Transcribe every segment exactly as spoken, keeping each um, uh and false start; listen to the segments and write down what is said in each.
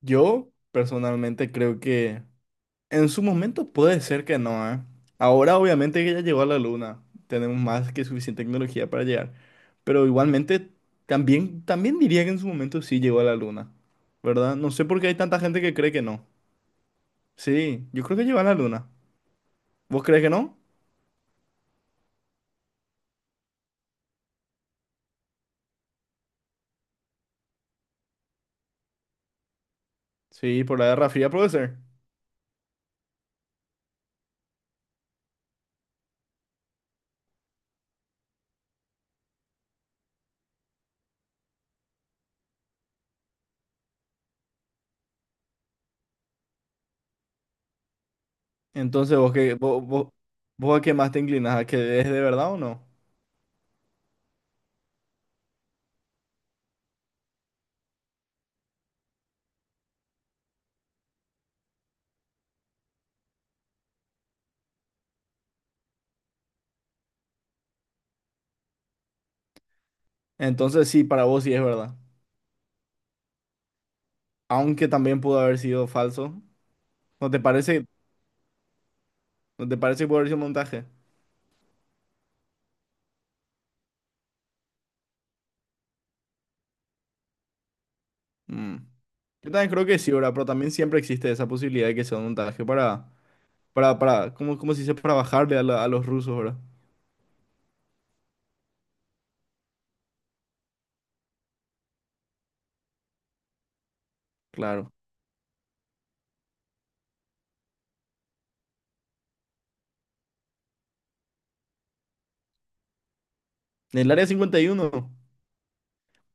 Yo personalmente creo que en su momento puede ser que no, ¿eh? Ahora obviamente que ya llegó a la luna, tenemos más que suficiente tecnología para llegar, pero igualmente también, también diría que en su momento sí llegó a la luna, ¿verdad? No sé por qué hay tanta gente que cree que no. Sí, yo creo que llegó a la luna. ¿Vos crees que no? Sí, por la Guerra Fría puede ser. Entonces, ¿vos, qué, vos, vos, vos a qué más te inclinas? ¿A que es de verdad o no? Entonces sí, para vos sí es verdad. Aunque también pudo haber sido falso. ¿No te parece, ¿no te parece que puede haber sido un montaje? Mm. Yo también creo que sí, ¿verdad? Pero también siempre existe esa posibilidad de que sea un montaje para, para, para, ¿cómo, cómo se dice? Para bajarle a, la- a los rusos, ¿verdad? Claro. En el área cincuenta y uno,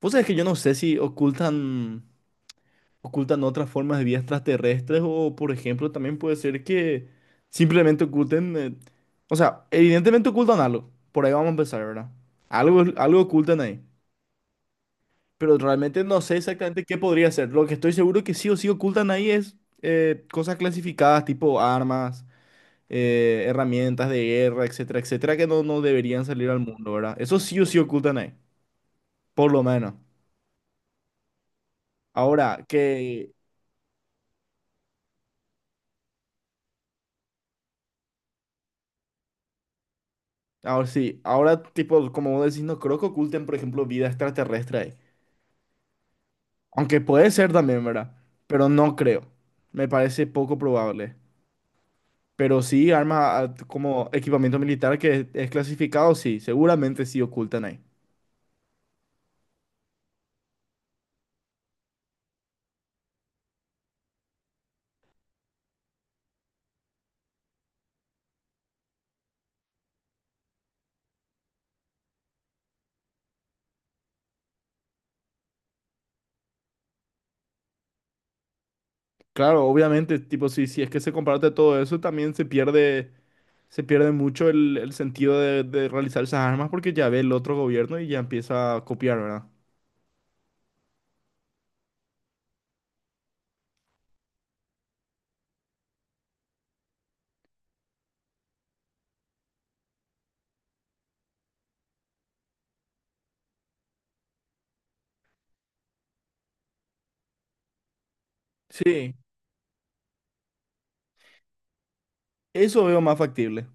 vos sabés que yo no sé si ocultan, ocultan otras formas de vida extraterrestres o, por ejemplo, también puede ser que simplemente oculten, eh, o sea, evidentemente ocultan algo. Por ahí vamos a empezar, ¿verdad? Algo, algo ocultan ahí, pero realmente no sé exactamente qué podría ser. Lo que estoy seguro que sí o sí ocultan ahí es eh, cosas clasificadas tipo armas, eh, herramientas de guerra, etcétera, etcétera, que no, no deberían salir al mundo, ¿verdad? Eso sí o sí ocultan ahí, por lo menos. Ahora, que... Ahora sí, ahora tipo, como vos decís, no creo que oculten, por ejemplo, vida extraterrestre ahí. Aunque puede ser también, ¿verdad? Pero no creo. Me parece poco probable. Pero sí, armas, ah, como equipamiento militar que es, es clasificado, sí, seguramente sí ocultan ahí. Claro, obviamente, tipo, sí, si es que se comparte todo eso, también se pierde, se pierde mucho el, el sentido de, de realizar esas armas porque ya ve el otro gobierno y ya empieza a copiar, ¿verdad? Sí, eso veo más factible.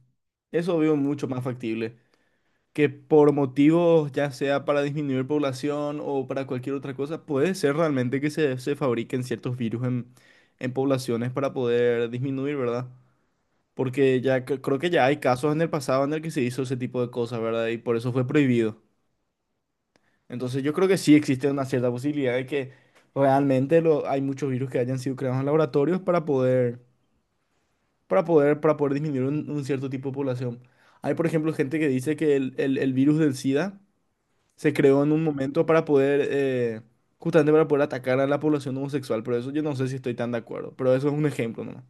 Eso veo mucho más factible, que por motivos, ya sea para disminuir población o para cualquier otra cosa, puede ser realmente que se, se fabriquen ciertos virus en, en poblaciones para poder disminuir, ¿verdad? Porque ya cre- creo que ya hay casos en el pasado en el que se hizo ese tipo de cosas, ¿verdad? Y por eso fue prohibido. Entonces yo creo que sí existe una cierta posibilidad de que realmente lo, hay muchos virus que hayan sido creados en laboratorios para poder, para poder, para poder disminuir un, un cierto tipo de población. Hay, por ejemplo, gente que dice que el el- el virus del SIDA se creó en un momento para poder, eh, justamente para poder atacar a la población homosexual, pero eso yo no sé si estoy tan de acuerdo, pero eso es un ejemplo nomás.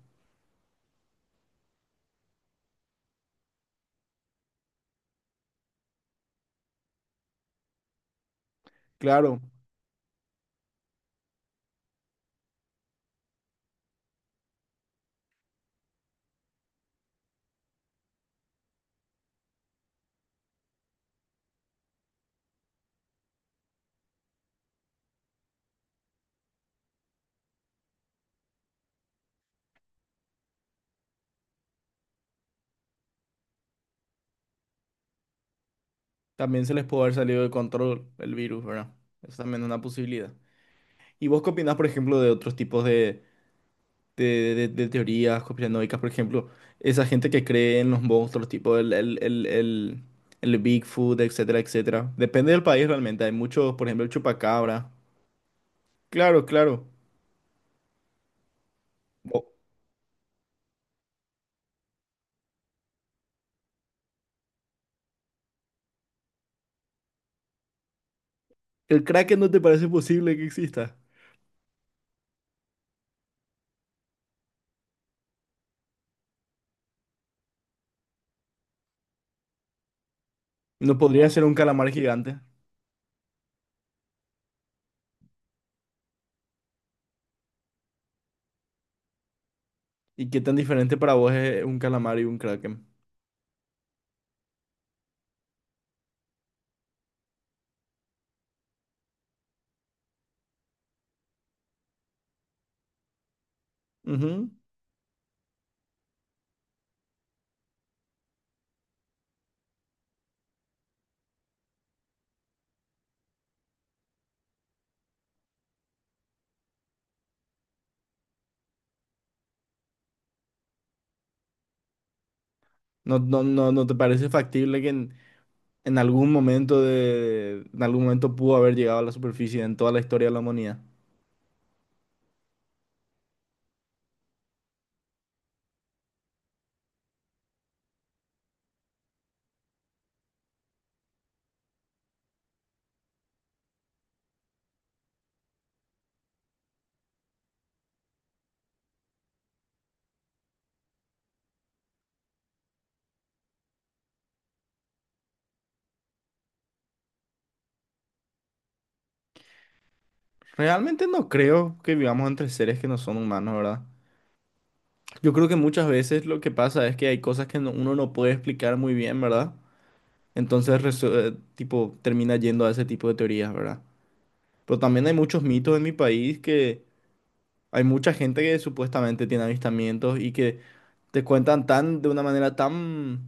Claro, también se les puede haber salido de control el virus, ¿verdad? Eso también es una posibilidad. ¿Y vos qué opinás, por ejemplo, de otros tipos de, de, de- de teorías conspiranoicas? Por ejemplo, esa gente que cree en los monstruos, tipo el, el, el, el, el Bigfoot, etcétera, etcétera. Depende del país realmente. Hay muchos, por ejemplo, el chupacabra. Claro, claro. O- ¿El Kraken no te parece posible que exista? ¿No podría ser un calamar gigante? ¿Y qué tan diferente para vos es un calamar y un kraken? Ujú. ¿No, no, no, no te parece factible que en, en algún momento de, en algún momento pudo haber llegado a la superficie en toda la historia de la humanidad? Realmente no creo que vivamos entre seres que no son humanos, ¿verdad? Yo creo que muchas veces lo que pasa es que hay cosas que no- uno no puede explicar muy bien, ¿verdad? Entonces, resu- eh, tipo, termina yendo a ese tipo de teorías, ¿verdad? Pero también hay muchos mitos en mi país que hay mucha gente que supuestamente tiene avistamientos y que te cuentan tan de una manera tan,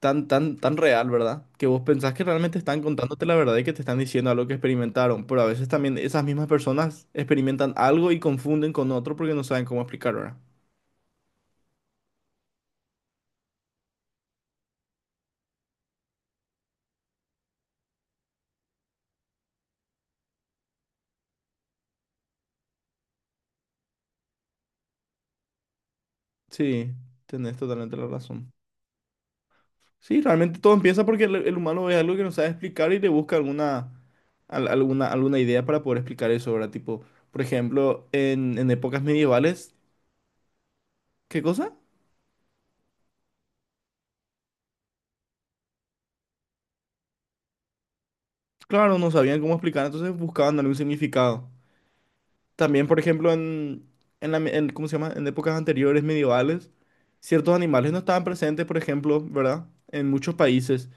tan, tan, tan real, ¿verdad? Que vos pensás que realmente están contándote la verdad y que te están diciendo algo que experimentaron. Pero a veces también esas mismas personas experimentan algo y confunden con otro porque no saben cómo explicar, ¿verdad? Sí, tenés totalmente la razón. Sí, realmente todo empieza porque el, el humano ve algo que no sabe explicar y le busca alguna, al- alguna, alguna idea para poder explicar eso, ¿verdad? Tipo, por ejemplo, en, en épocas medievales, ¿qué cosa? Claro, no sabían cómo explicar, entonces buscaban algún significado. También, por ejemplo, en, en, la me- en- ¿cómo se llama? En épocas anteriores medievales, ciertos animales no estaban presentes, por ejemplo, ¿verdad? En muchos países.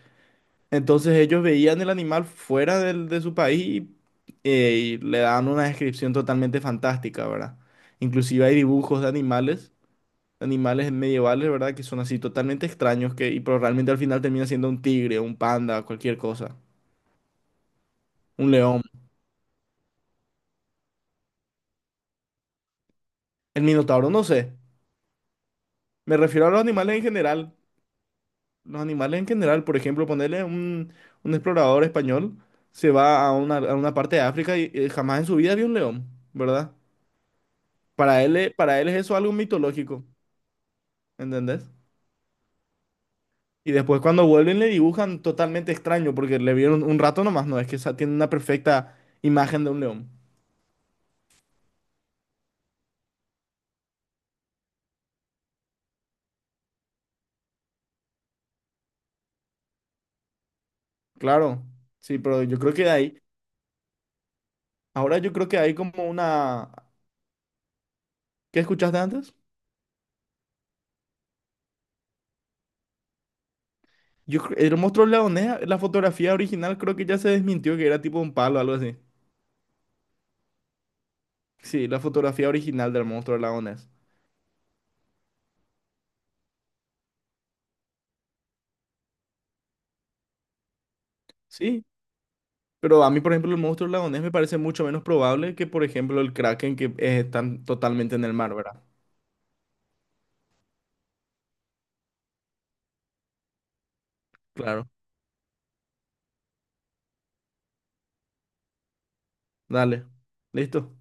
Entonces ellos veían el animal fuera del- de su país y, eh, y le daban una descripción totalmente fantástica, ¿verdad? Inclusive hay dibujos de animales, animales medievales, ¿verdad? Que son así totalmente extraños, que, y, pero realmente al final termina siendo un tigre, un panda, cualquier cosa, un león. El minotauro, no sé. Me refiero a los animales en general. Los animales en general, por ejemplo, ponerle un, un explorador español, se va a una, a una parte de África y, eh, jamás en su vida vio un león, ¿verdad? Para él, e- para él es eso algo mitológico, ¿entendés? Y después cuando vuelven le dibujan totalmente extraño porque le vieron un rato nomás, no es que esa- tiene una perfecta imagen de un león. Claro, sí, pero yo creo que hay, ahora yo creo que hay como una... ¿Qué escuchaste antes? Yo, cre- el monstruo leonés, la fotografía original creo que ya se desmintió que era tipo un palo o algo así. Sí, la fotografía original del monstruo leonés. Sí, pero a mí, por ejemplo, el monstruo leonés me parece mucho menos probable que, por ejemplo, el Kraken que eh, están totalmente en el mar, ¿verdad? Claro. Dale. ¿Listo?